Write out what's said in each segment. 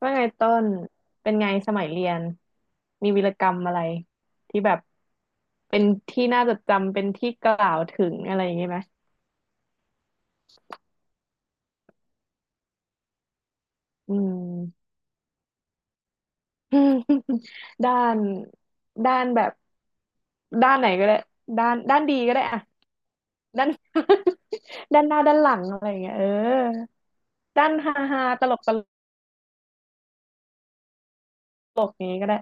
ว่าไงต้นเป็นไงสมัยเรียนมีวีรกรรมอะไรที่แบบเป็นที่น่าจดจำเป็นที่กล่าวถึงอะไรอย่างงี้ไหมอืม ด้านด้านแบบด้านไหนก็ได้ด้านดีก็ได้อะด้าน ด้านหน้าด้านหลังอะไรอย่างเงี้ยเออด้านฮาฮาตลกอย่างงี้ก็ได้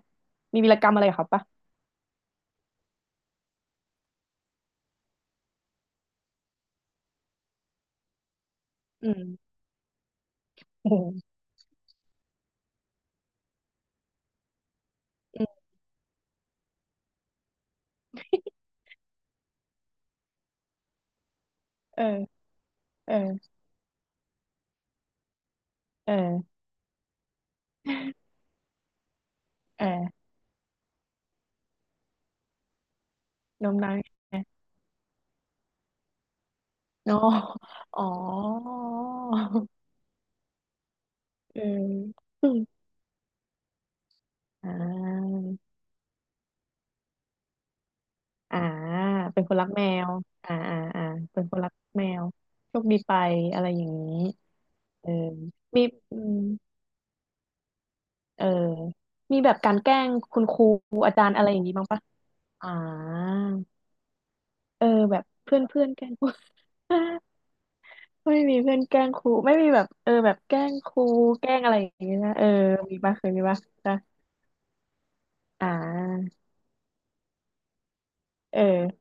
มีวีรกรรมอะไรกับเขาปะอืม โอ้โหอืมเออเออเออเออโน้มน้าวยังไงโนอ๋อ อืม อืมอ่าอ่าเป็นคนรักแมวอ่าอ่าอ่าเป็นคนรักแมว โชคดีไปอะไรอย่างนี้ เออ มีอืมเออมีแบบการแกล้งคุณครูอาจารย์อะไรอย่างนี้บ้างปะอ่าเออแบบเพื่อนเพื่อนแกล้ง ครู ไม่มีเพื่อนแกล้งครูไม่มีแบบเออแบบแกล้งครูแกล้งอะไรอย่างนี้นะเออมีปะเคยมีปะนะอ่าเออ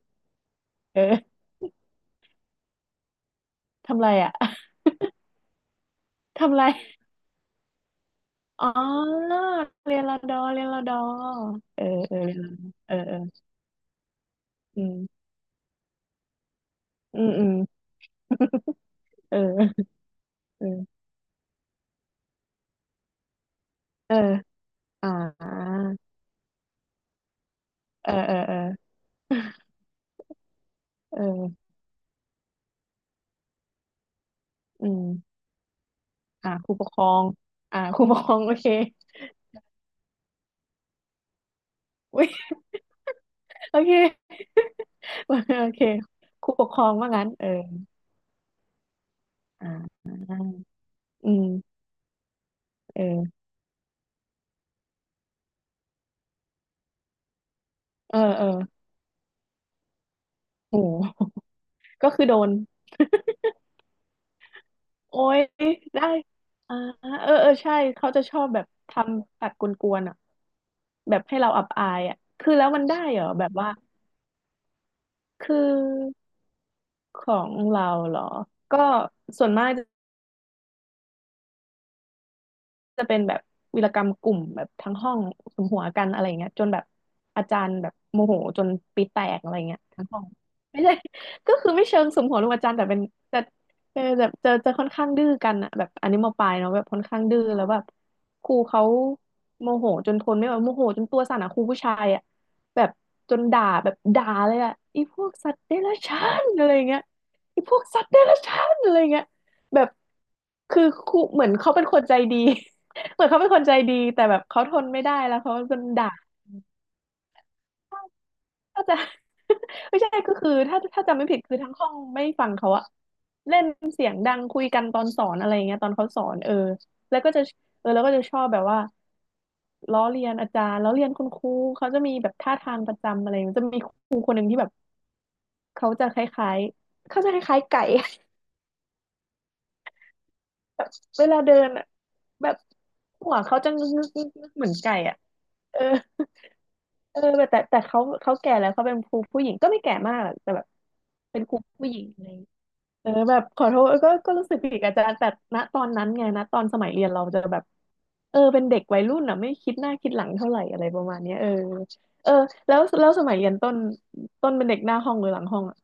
เออทำไรอ่ะ ทำไร อ๋อเรียนรอดอเรียนรอดอเออเออเรียนรอดอเออเอออืมอืมอืมเออเออเอออ่าเออเออเออเอออืมอ่าครูปกครองอ่าครูปกครองโอเคอุ้ยโอเคโอเคครูปกครองว่างั้นเอออ่าอืมเออเออเออโหก็คือโดนโอ้ยได้อ่าเออเออใช่เขาจะชอบแบบทำตัดกวนๆอ่ะ แบบให้เราอับอายอ่ะคือแล้วมันได้เหรอแบบว่าคือของเราเหรอ ก็ส่วนมาก จะเป็นแบบวีรกรรมกลุ่มแบบทั้งห้องสมหัวกันอะไรเงี้ยจนแบบอาจารย์แบบโมโหจนปีแตกอะไรเงี้ยทั้งห้องไม่ใช่ ก็คือไม่เชิงสมหัวลูกอาจารย์แต่เป็นแต่เออแบบจะค่อนข้างดื้อกันอะแบบอันนี้มปลายเนาะแบบค่อนข้างดื้อแล้วแบบครูเขาโมโหจนทนไม่ไหวโมโหจนตัวสั่นอะครูผู้ชายอะแบบจนด่าแบบด่าเลยอะอีพวกสัตว์เดรัจฉานอะไรเงี้ยอีพวกสัตว์เดรัจฉานอะไรเงี้ยแบบคือครูเหมือนเขาเป็นคนใจดี เหมือนเขาเป็นคนใจดีแต่แบบเขาทนไม่ได้แล้วเขาจนด่าก็จะ ไม่ใช่ก็คือถ้าจำไม่ผิดคือทั้งห้องไม่ฟังเขาอะเล่นเสียงดังคุยกันตอนสอนอะไรอย่างเงี้ยตอนเขาสอนเออแล้วก็จะเออแล้วก็จะชอบแบบว่าล้อเลียนอาจารย์ล้อเลียนคุณครูเขาจะมีแบบท่าทางประจำอะไรอย่างเงี้ยจะมีครูคนหนึ่งที่แบบเขาจะคล้ายๆเขาจะคล้ายๆไก่ แบบเวลาเดินอะแบบหัวเขาจะงึกๆๆๆเหมือนไก่อะเออ เออแต่เขาแก่แล้วเขาเป็นครูผู้หญิงก็ไม่แก่มากหรอกแต่แบบเป็นครูผู้หญิงอะไรอย่างเงี้ยเออแบบขอโทษก็รู้สึกผิดกับอาจารย์แต่ณตอนนั้นไงณตอนสมัยเรียนเราจะแบบเออเป็นเด็กวัยรุ่นอ่ะไม่คิดหน้าคิดหลังเท่าไหร่อะไรประมาณเนี้ยเออเออแล้วสมัยเรียนต้นต้นเป็นเด็กหน้าห้องหรือหลังห้องอะ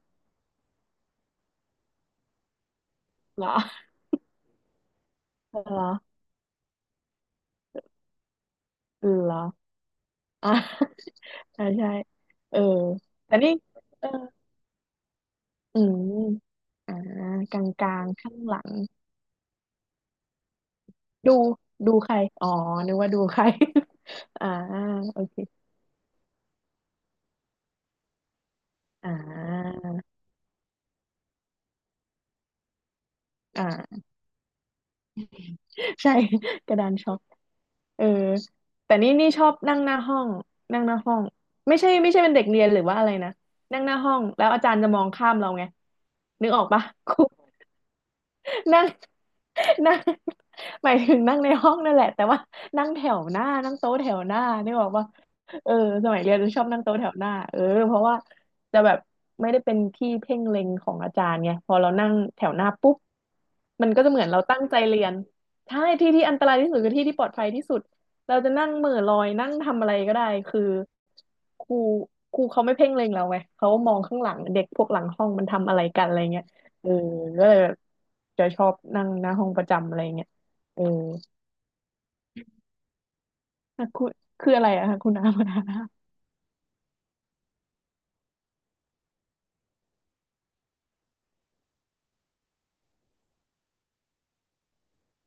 เหรอเหรอเหรออ่ะใช่ใช่เออแต่นี่เอออืมอ่ากลางๆข้างหลัง ดูดูใครอ๋อนึกว่าดูใคร อ่าโอเคอ่าอ่าใช่ กระดานช็อกเออแต่นี่ชอบนั่งหน้าห้องนั่งหน้าห้องไม่ใช่ไม่ใช่เป็นเด็กเรียนหรือว่าอะไรนะนั่งหน้าห้องแล้วอาจารย์จะมองข้ามเราไงนึกออกปะครู นั่งนั่งหมายถึงนั่งในห้องนั่นแหละแต่ว่านั่งแถวหน้านั่งโต๊ะแถวหน้านี่บอกว่าเออสมัยเรียนจะชอบนั่งโต๊ะแถวหน้าเออเพราะว่าจะแบบไม่ได้เป็นที่เพ่งเล็งของอาจารย์ไงพอเรานั่งแถวหน้าปุ๊บมันก็จะเหมือนเราตั้งใจเรียนใช่ที่ที่อันตรายที่สุดคือที่ที่ปลอดภัยที่สุดเราจะนั่งเหม่อลอยนั่งทำอะไรก็ได้คือครูครูเขาไม่เพ่งเล็งเราไงเขามองข้างหลังเด็กพวกหลังห้องมันทำอะไรกันอะไรเงี้ย เออก็เลยแบบจะชอบนั่งหน้าห้องประจำอะไรเงี้ยเอออ่ะคุณคืออะไรอะคะคุน้ามาทานา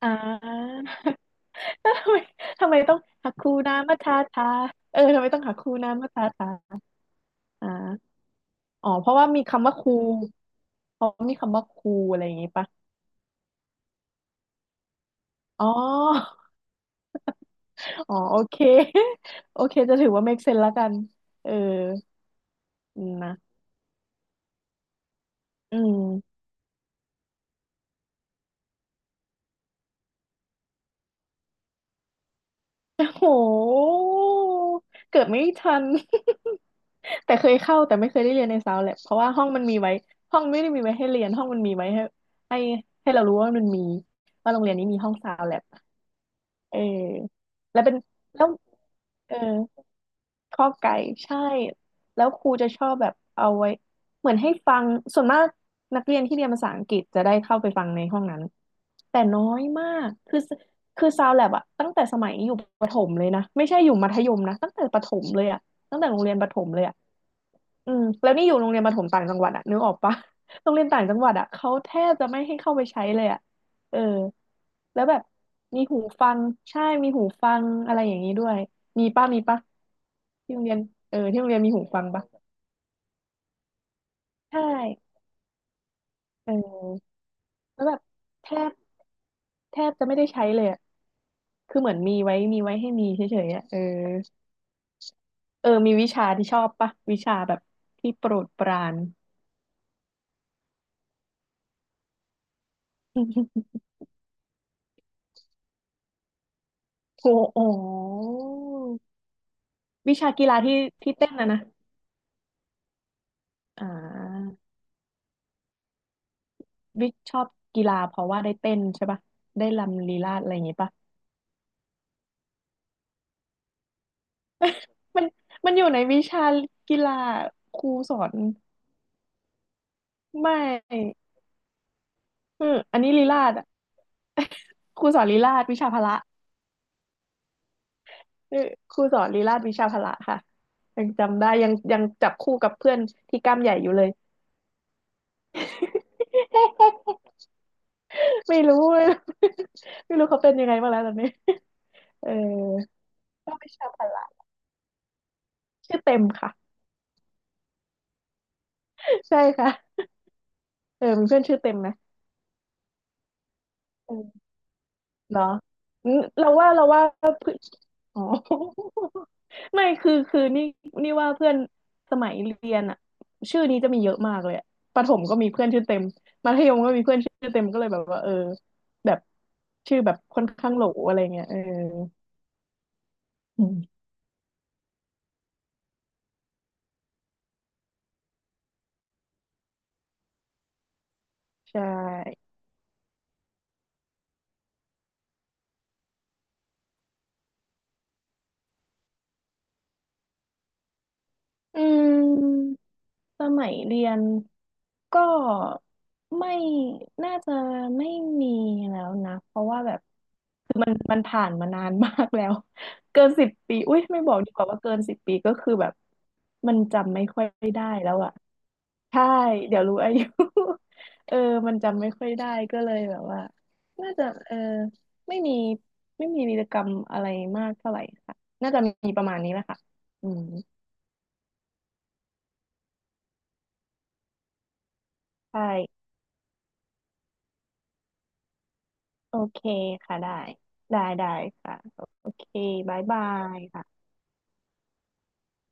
อ่า ทำไมทำไมต้องหักคูนามาทาทาเออทำไมต้องหักคูนามาทาทาอ่าอ๋อเพราะว่ามีคำว่าคูเพราะมีคำว่าคูอะไรอย่างงี้ปะอ๋อ อ๋อโอเค โอเคจะถือว่า make sense ละกันเออนะอืมโอ้โหเกิดไม่ทัน แต่เคยเข้าแต่ไม่เคยได้เรียนในซาวแลบเพราะว่าห้องมันมีไว้ห้องไม่ได้มีไว้ให้เรียนห้องมันมีไว้ให้ให้เรารู้ว่ามันมีว่าโรงเรียนนี้มีห้องซาวแลบเออแล้วเป็นแล้วเออข้อไก่ใช่แล้วครูจะชอบแบบเอาไว้เหมือนให้ฟังส่วนมากนักเรียนที่เรียนภาษาอังกฤษจะได้เข้าไปฟังในห้องนั้นแต่น้อยมากคือซาวแลบอะตั้งแต่สมัยอยู่ประถมเลยนะไม่ใช่อยู่มัธยมนะตั้งแต่ประถมเลยอะตั้งแต่โรงเรียนประถมเลยอะ อืมแล้วนี่อยู่โรงเรียนประถมต่างจังหวัดอะนึกออกปะ โรงเรียนต่างจังหวัดอะเขาแทบจะไม่ให้เข้าไปใช้เลยอะเออแล้วแบบมีหูฟังใช่มีหูฟังอะไรอย่างนี้ด้วยมีป้ามีปะที่โรงเรียนเออที่โรงเรียนมีหูฟังปะใช่เออแล้วแบบแทบแทบจะไม่ได้ใช้เลยอะคือเหมือนมีไว้ให้มีเฉยๆอะเออเออมีวิชาที่ชอบปะวิชาแบบที่โปรดปราน โอ้โหวิชากีฬาที่ที่เต้นนะนะ อ่าบิ๊กชอบกีฬาเพราะว่าได้เต้นใช่ปะได้รำลีลาศอะไรอย่างงี้ปะมันมันอยู่ในวิชากีฬาครูสอนไม่เอออันนี้ลีลาศอะ ครูสอนลีลาศวิชาพละเออครูสอนลีลาศวิชาพละค่ะยังจำได้ยังยังจับคู่กับเพื่อนที่กล้ามใหญ่อยู่เลย ไม่รู้ เลยไม่รู้เขาเป็นยังไงบ้างแล้วตอนนี้เออชอบวิชาพละชื่อเต็มค่ะ ใช่ค่ะเออมีเพื่อนชื่อเต็มนะ เออเหรออืมเราว่าเพื่อนอ๋อ ไม่คือนี่นี่ว่าเพื่อนสมัยเรียนอะชื่อนี้จะมีเยอะมากเลยอะประถมก็มีเพื่อนชื่อเต็มมัธยมก็มีเพื่อนชื่อเต็มก็เลยแบบว่าเออแบบชื่อแบบค่อนข้างโหลอะไรเงี้ยเอออืมใช่อืม สมัยเรียนก็ไม่น่าจะไม่มีแล้วนะเพราะว่าแบบคือมันผ่านมานานมากแล้ว เกินสิบปีอุ้ยไม่บอกดีกว่าว่าเกินสิบปีก็คือแบบมันจำไม่ค่อยได้แล้วอะใช่เดี๋ยวรู้อายุ เออมันจำไม่ค่อยได้ก็เลยแบบว่าน่าจะเออไม่มีไม่มีวีรกรรมอะไรมากเท่าไหร่ค่ะน่าจะมีประมาณนี้แหละค่ะอืมใช่ โอเคค่ะได้ได้ได้ค่ะโอเคบ๊ายบายค่ะ